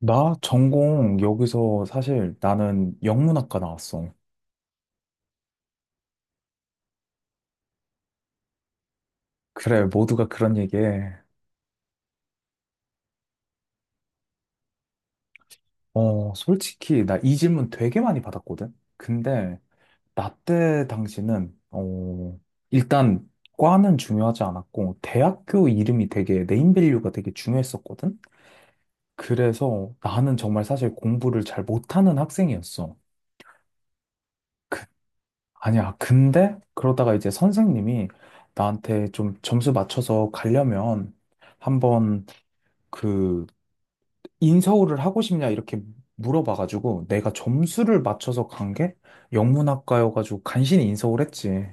나 전공 여기서 사실 나는 영문학과 나왔어. 그래, 모두가 그런 얘기해. 솔직히 나 이 질문 되게 많이 받았거든? 근데 나 때 당시는, 일단 과는 중요하지 않았고, 대학교 이름이 되게 네임밸류가 되게 중요했었거든? 그래서 나는 정말 사실 공부를 잘 못하는 학생이었어. 아니야, 근데 그러다가 이제 선생님이 나한테 좀 점수 맞춰서 가려면 한번 그 인서울을 하고 싶냐 이렇게 물어봐가지고 내가 점수를 맞춰서 간 게 영문학과여가지고 간신히 인서울 했지.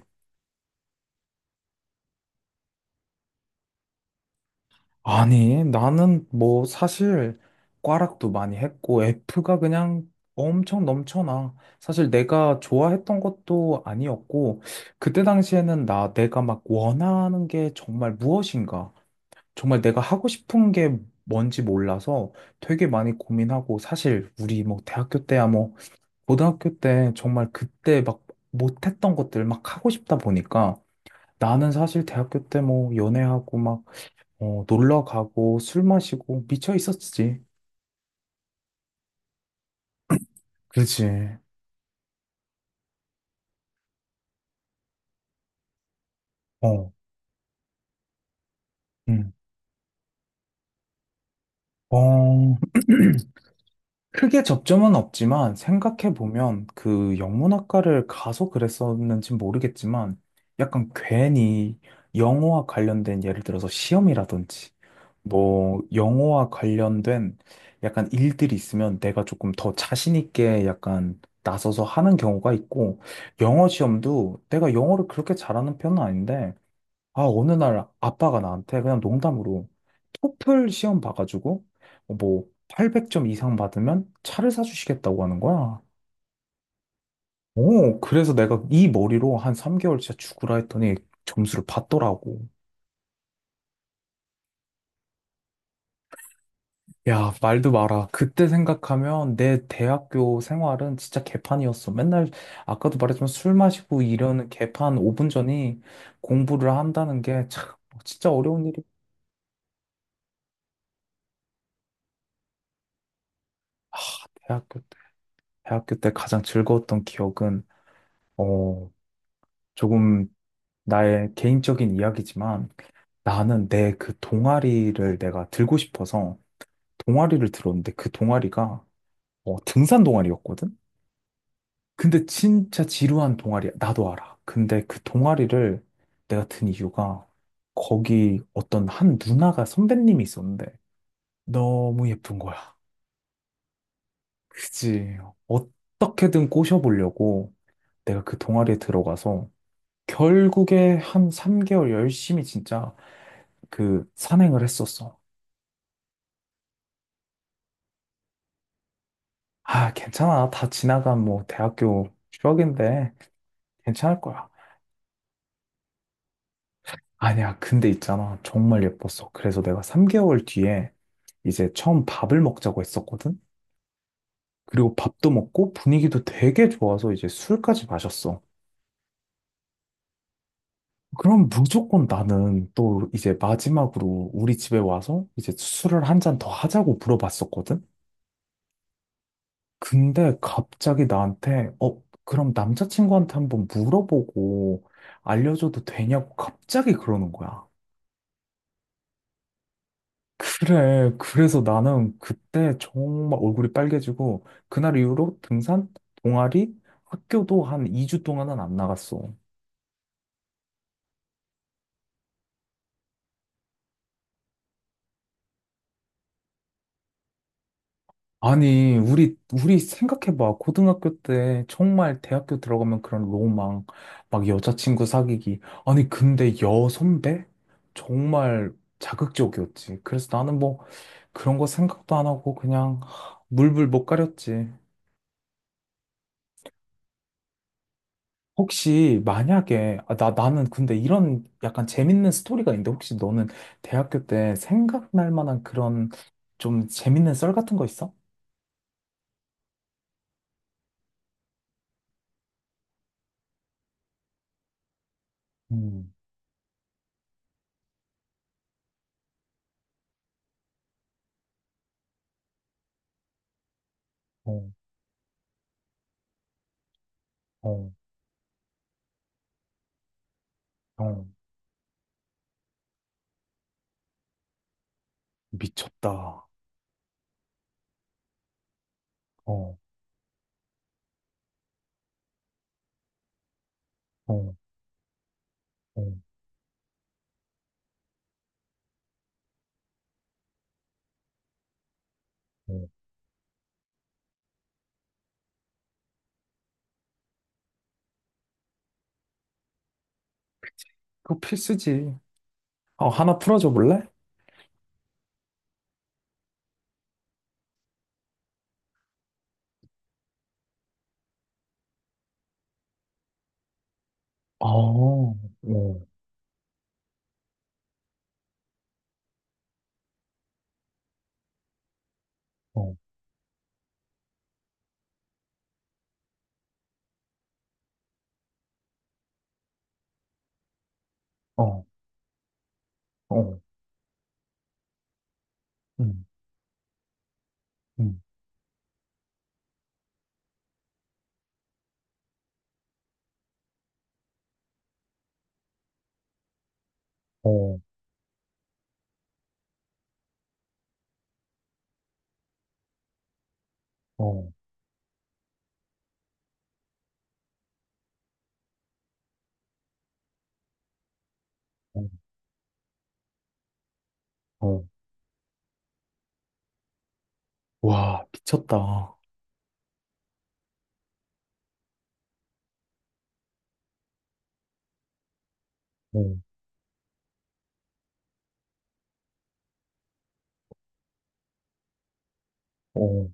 아니 나는 뭐 사실 과락도 많이 했고 F가 그냥 엄청 넘쳐나. 사실 내가 좋아했던 것도 아니었고 그때 당시에는 나 내가 막 원하는 게 정말 무엇인가 정말 내가 하고 싶은 게 뭔지 몰라서 되게 많이 고민하고 사실 우리 뭐 대학교 때야 뭐 고등학교 때 정말 그때 막 못했던 것들 막 하고 싶다 보니까 나는 사실 대학교 때 뭐 연애하고 막 놀러 가고 술 마시고 미쳐 있었지. 그지. 어, 응. 어, 크게 접점은 없지만 생각해보면 그 영문학과를 가서 그랬었는지 모르겠지만 약간 괜히 영어와 관련된 예를 들어서 시험이라든지 뭐 영어와 관련된 약간 일들이 있으면 내가 조금 더 자신 있게 약간 나서서 하는 경우가 있고 영어 시험도 내가 영어를 그렇게 잘하는 편은 아닌데 아 어느 날 아빠가 나한테 그냥 농담으로 토플 시험 봐가지고 뭐 800점 이상 받으면 차를 사주시겠다고 하는 거야. 오, 그래서 내가 이 머리로 한 3개월 진짜 죽으라 했더니 점수를 받더라고. 야, 말도 마라. 그때 생각하면 내 대학교 생활은 진짜 개판이었어. 맨날 아까도 말했지만 술 마시고 이러는 개판 5분 전이 공부를 한다는 게 참 진짜 어려운 일이. 아, 대학교 때, 대학교 때 가장 즐거웠던 기억은 어, 조금 나의 개인적인 이야기지만 나는 내 그 동아리를 내가 들고 싶어서 동아리를 들었는데 그 동아리가 등산 동아리였거든? 근데 진짜 지루한 동아리야. 나도 알아. 근데 그 동아리를 내가 든 이유가 거기 어떤 한 누나가 선배님이 있었는데 너무 예쁜 거야. 그지? 어떻게든 꼬셔보려고 내가 그 동아리에 들어가서 결국에 한 3개월 열심히 진짜 그 산행을 했었어. 아, 괜찮아. 다 지나간 뭐 대학교 추억인데 괜찮을 거야. 아니야, 근데 있잖아. 정말 예뻤어. 그래서 내가 3개월 뒤에 이제 처음 밥을 먹자고 했었거든? 그리고 밥도 먹고 분위기도 되게 좋아서 이제 술까지 마셨어. 그럼 무조건 나는 또 이제 마지막으로 우리 집에 와서 이제 술을 한 잔 더 하자고 물어봤었거든? 근데 갑자기 나한테, 그럼 남자친구한테 한번 물어보고 알려줘도 되냐고 갑자기 그러는 거야. 그래. 그래서 나는 그때 정말 얼굴이 빨개지고, 그날 이후로 등산, 동아리, 학교도 한 2주 동안은 안 나갔어. 아니, 우리 생각해봐. 고등학교 때 정말 대학교 들어가면 그런 로망, 막 여자친구 사귀기. 아니, 근데 여선배? 정말 자극적이었지. 그래서 나는 뭐 그런 거 생각도 안 하고 그냥 물불 못 가렸지. 혹시 만약에 아, 나 나는 근데 이런 약간 재밌는 스토리가 있는데 혹시 너는 대학교 때 생각날 만한 그런 좀 재밌는 썰 같은 거 있어? 음, 어, 어, 어, 미쳤다. 어, 어, 어, 어, 어. 그거 필수지. 어, 하나 풀어줘 볼래? 아, 어, 어, 어, 어, 음, 음, 어, 어, 어, 어, 와, 미쳤다. 어, 어,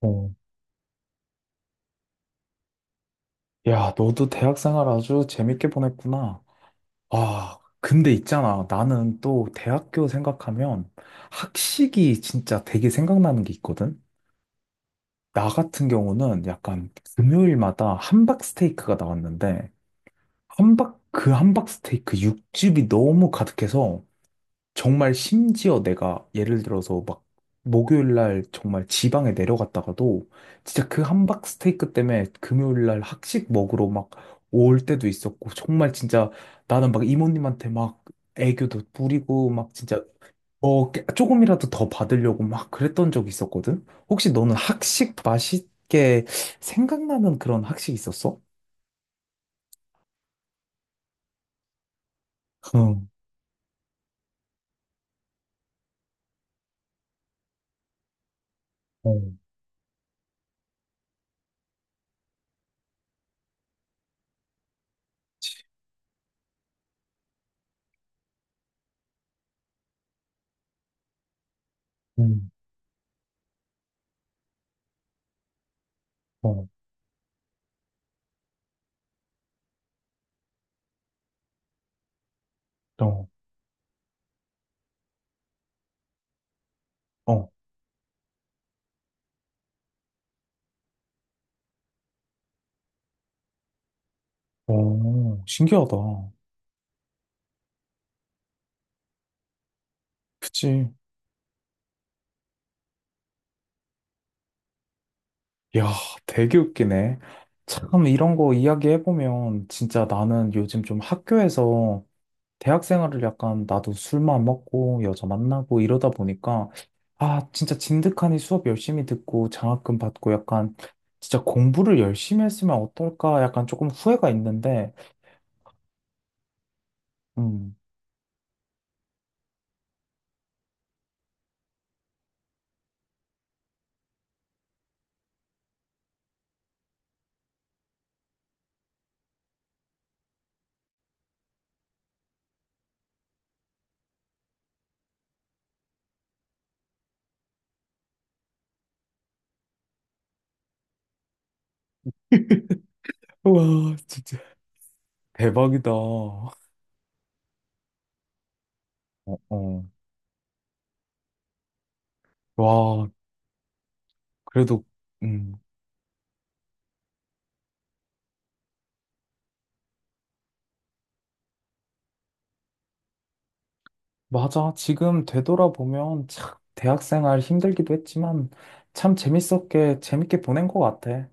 어. 야, 너도 대학 생활 아주 재밌게 보냈구나. 아, 근데 있잖아. 나는 또 대학교 생각하면 학식이 진짜 되게 생각나는 게 있거든? 나 같은 경우는 약간 금요일마다 함박 스테이크가 나왔는데, 그 함박 스테이크 육즙이 너무 가득해서 정말 심지어 내가 예를 들어서 막 목요일 날 정말 지방에 내려갔다가도 진짜 그 함박 스테이크 때문에 금요일 날 학식 먹으러 막 올 때도 있었고 정말 진짜 나는 막 이모님한테 막 애교도 부리고 막 진짜 뭐 조금이라도 더 받으려고 막 그랬던 적이 있었거든. 혹시 너는 학식 맛있게 생각나는 그런 학식 있었어? 응, 어, 응, 어, 어, 어, 어, 신기하다. 그치. 야, 되게 웃기네. 참, 이런 거 이야기해보면, 진짜 나는 요즘 좀 학교에서 대학 생활을 약간 나도 술만 먹고 여자 만나고 이러다 보니까, 아, 진짜 진득하니 수업 열심히 듣고 장학금 받고 약간 진짜 공부를 열심히 했으면 어떨까 약간 조금 후회가 있는데, 음. 와, 진짜 대박이다. 어, 어. 와, 그래도, 음. 맞아. 지금 되돌아보면 참 대학생활 힘들기도 했지만 참 재밌게 보낸 것 같아.